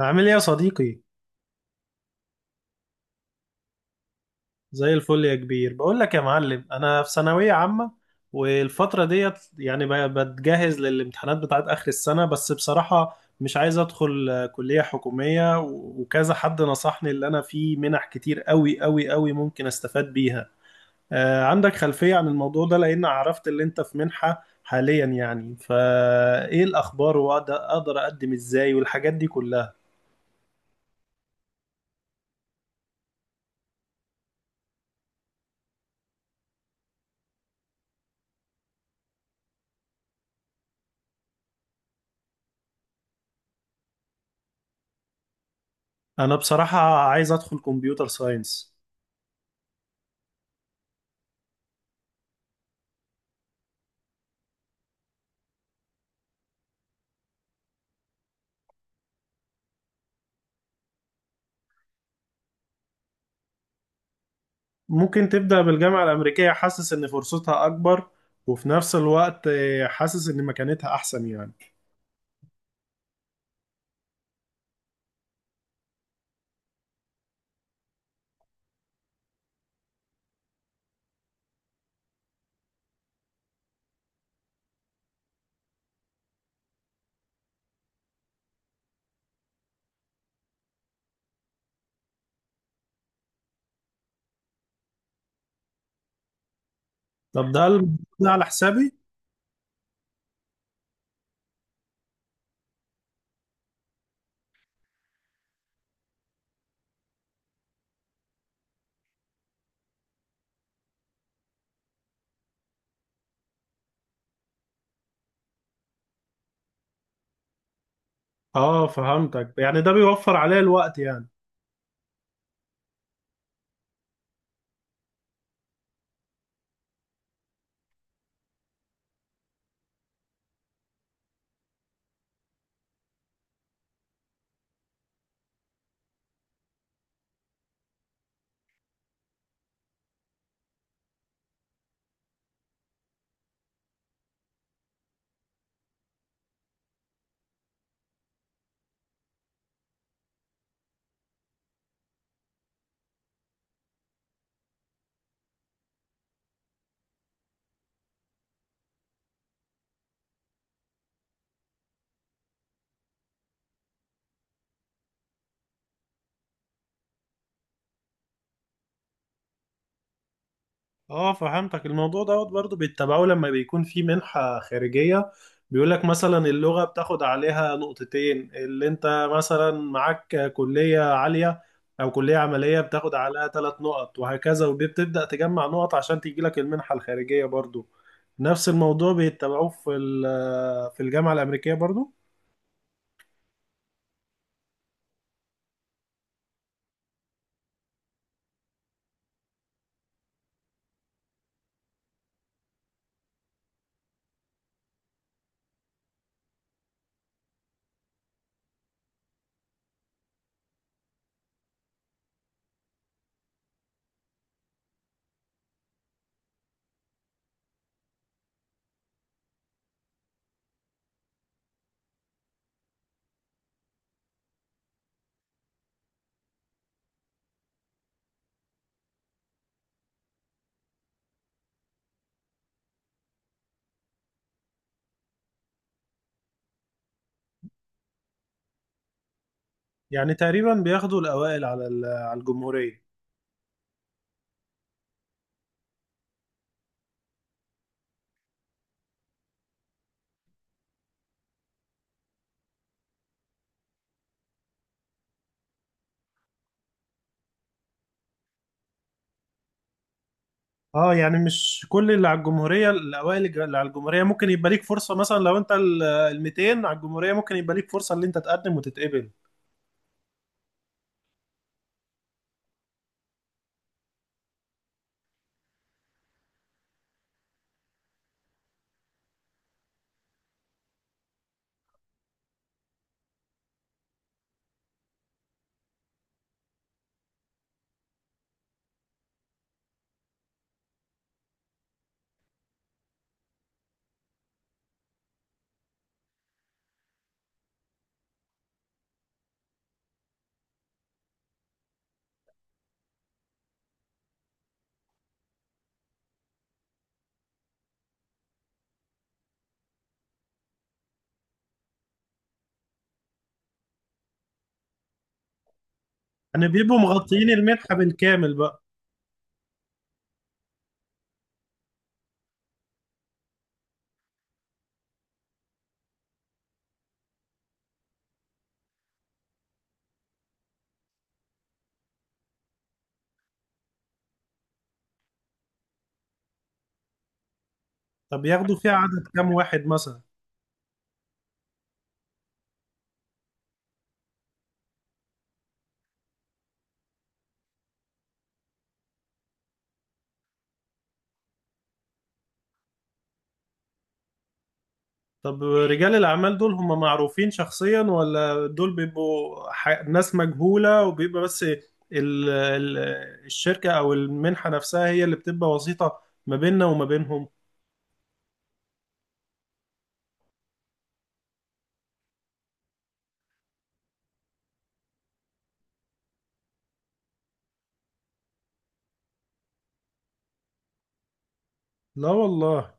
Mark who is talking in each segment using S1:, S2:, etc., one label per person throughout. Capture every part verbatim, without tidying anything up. S1: عامل ايه يا صديقي؟ زي الفل يا كبير. بقول لك يا معلم، انا في ثانويه عامه والفتره ديت يعني ب- بتجهز للامتحانات بتاعت اخر السنه، بس بصراحه مش عايز ادخل آه، كليه حكوميه و- وكذا حد نصحني اللي انا في منح كتير قوي قوي قوي ممكن استفاد بيها. آه، عندك خلفيه عن الموضوع ده؟ لان عرفت اللي انت في منحه حاليا، يعني فايه الاخبار، واقدر أقدر اقدم ازاي والحاجات دي كلها؟ انا بصراحه عايز ادخل كمبيوتر ساينس. ممكن تبدأ بالجامعة الأمريكية؟ حاسس إن فرصتها أكبر، وفي نفس الوقت آه، حاسس إن مكانتها أحسن يعني. طب ده ده على حسابي؟ آه، فهمتك، يعني ده بيوفر عليا الوقت يعني. اه، فهمتك. الموضوع دوت برضه بيتبعوه لما بيكون في منحة خارجية، بيقولك مثلا اللغة بتاخد عليها نقطتين، اللي انت مثلا معاك كلية عالية او كلية عملية بتاخد عليها ثلاث نقط وهكذا، وبتبدأ تجمع نقط عشان تجيلك المنحة الخارجية. برضه نفس الموضوع بيتبعوه في ال- في الجامعة الأمريكية برضه. يعني تقريبا بياخدوا الأوائل على ال- على الجمهورية. اه، يعني مش كل اللي على الجمهورية الأوائل الج- اللي على الجمهورية ممكن يبقى ليك فرصة، مثلا لو أنت ال ال المئتين على الجمهورية ممكن يبقى ليك فرصة إن أنت تقدم وتتقبل. يعني بيبقوا مغطيين المنحة بالكامل بقى؟ طب ياخدوا فيها عدد كام واحد مثلا؟ طب رجال الأعمال دول هم معروفين شخصيا، ولا دول بيبقوا ح- ناس مجهولة، وبيبقى بس ال ال الشركة أو المنحة نفسها هي اللي بتبقى وسيطة ما بيننا وما بينهم؟ لا والله.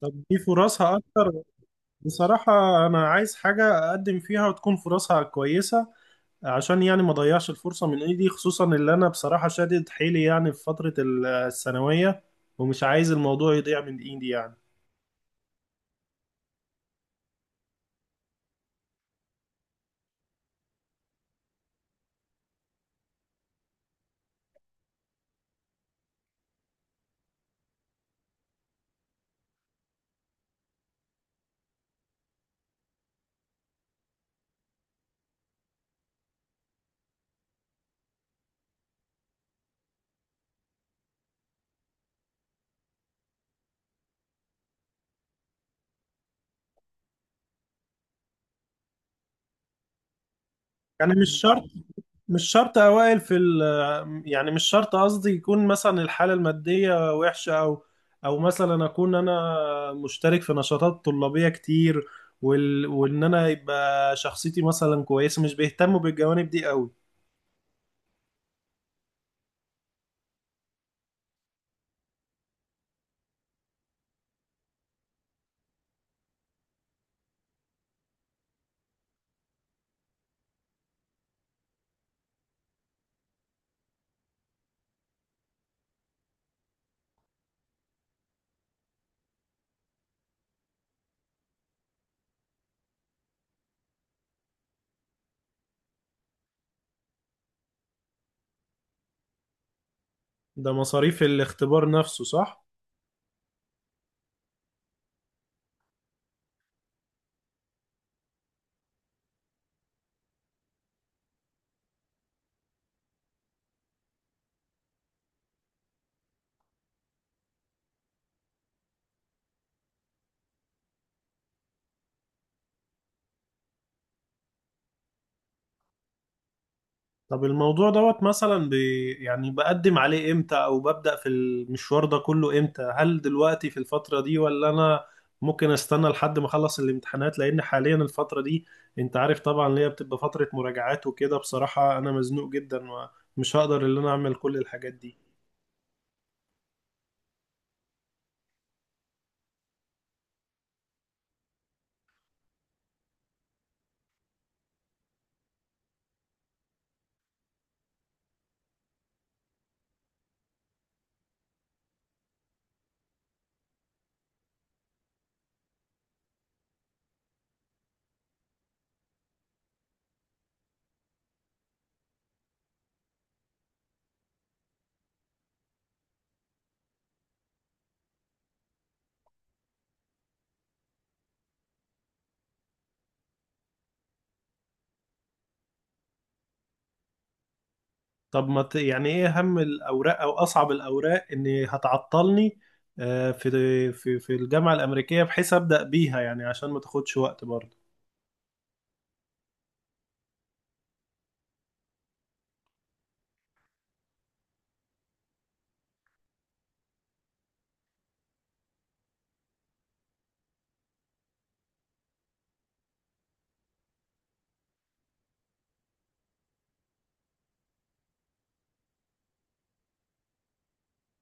S1: طب دي فرصها أكتر؟ بصراحة أنا عايز حاجة أقدم فيها وتكون فرصها كويسة، عشان يعني ما أضيعش الفرصة من إيدي، خصوصا اللي أنا بصراحة شادد حيلي يعني في فترة ال- الثانوية، ومش عايز الموضوع يضيع من إيدي يعني. يعني مش شرط مش شرط أوائل في ال يعني مش شرط قصدي يكون مثلا الحالة المادية وحشة، أو أو مثلا أكون أنا مشترك في نشاطات طلابية كتير، وال وإن أنا يبقى شخصيتي مثلا كويسة. مش بيهتموا بالجوانب دي أوي؟ ده مصاريف الاختبار نفسه صح؟ طب الموضوع دوت مثلا بي يعني بقدم عليه امتى، او ببدأ في المشوار ده كله امتى؟ هل دلوقتي في الفترة دي، ولا انا ممكن استنى لحد ما اخلص الامتحانات؟ لان حاليا الفترة دي انت عارف طبعا اللي هي بتبقى فترة مراجعات وكده، بصراحة انا مزنوق جدا ومش هقدر ان انا اعمل كل الحاجات دي. طب ما ت... يعني ايه اهم الاوراق او اصعب الاوراق ان هتعطلني آه، في في في الجامعة الأمريكية، بحيث أبدأ بيها يعني عشان ما تاخدش وقت برضه؟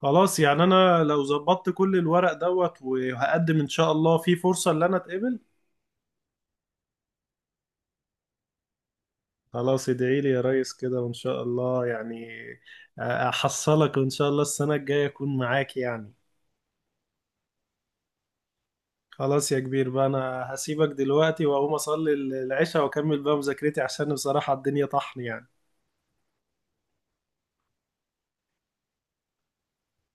S1: خلاص يعني انا لو ظبطت كل الورق دوت وهقدم ان شاء الله في فرصة ان انا اتقبل؟ خلاص، ادعي لي يا ريس كده، وان شاء الله يعني احصلك وان شاء الله السنة الجاية اكون معاك يعني. خلاص يا كبير بقى، انا هسيبك دلوقتي واقوم اصلي العشاء واكمل بقى مذاكرتي، عشان بصراحة الدنيا طحن يعني.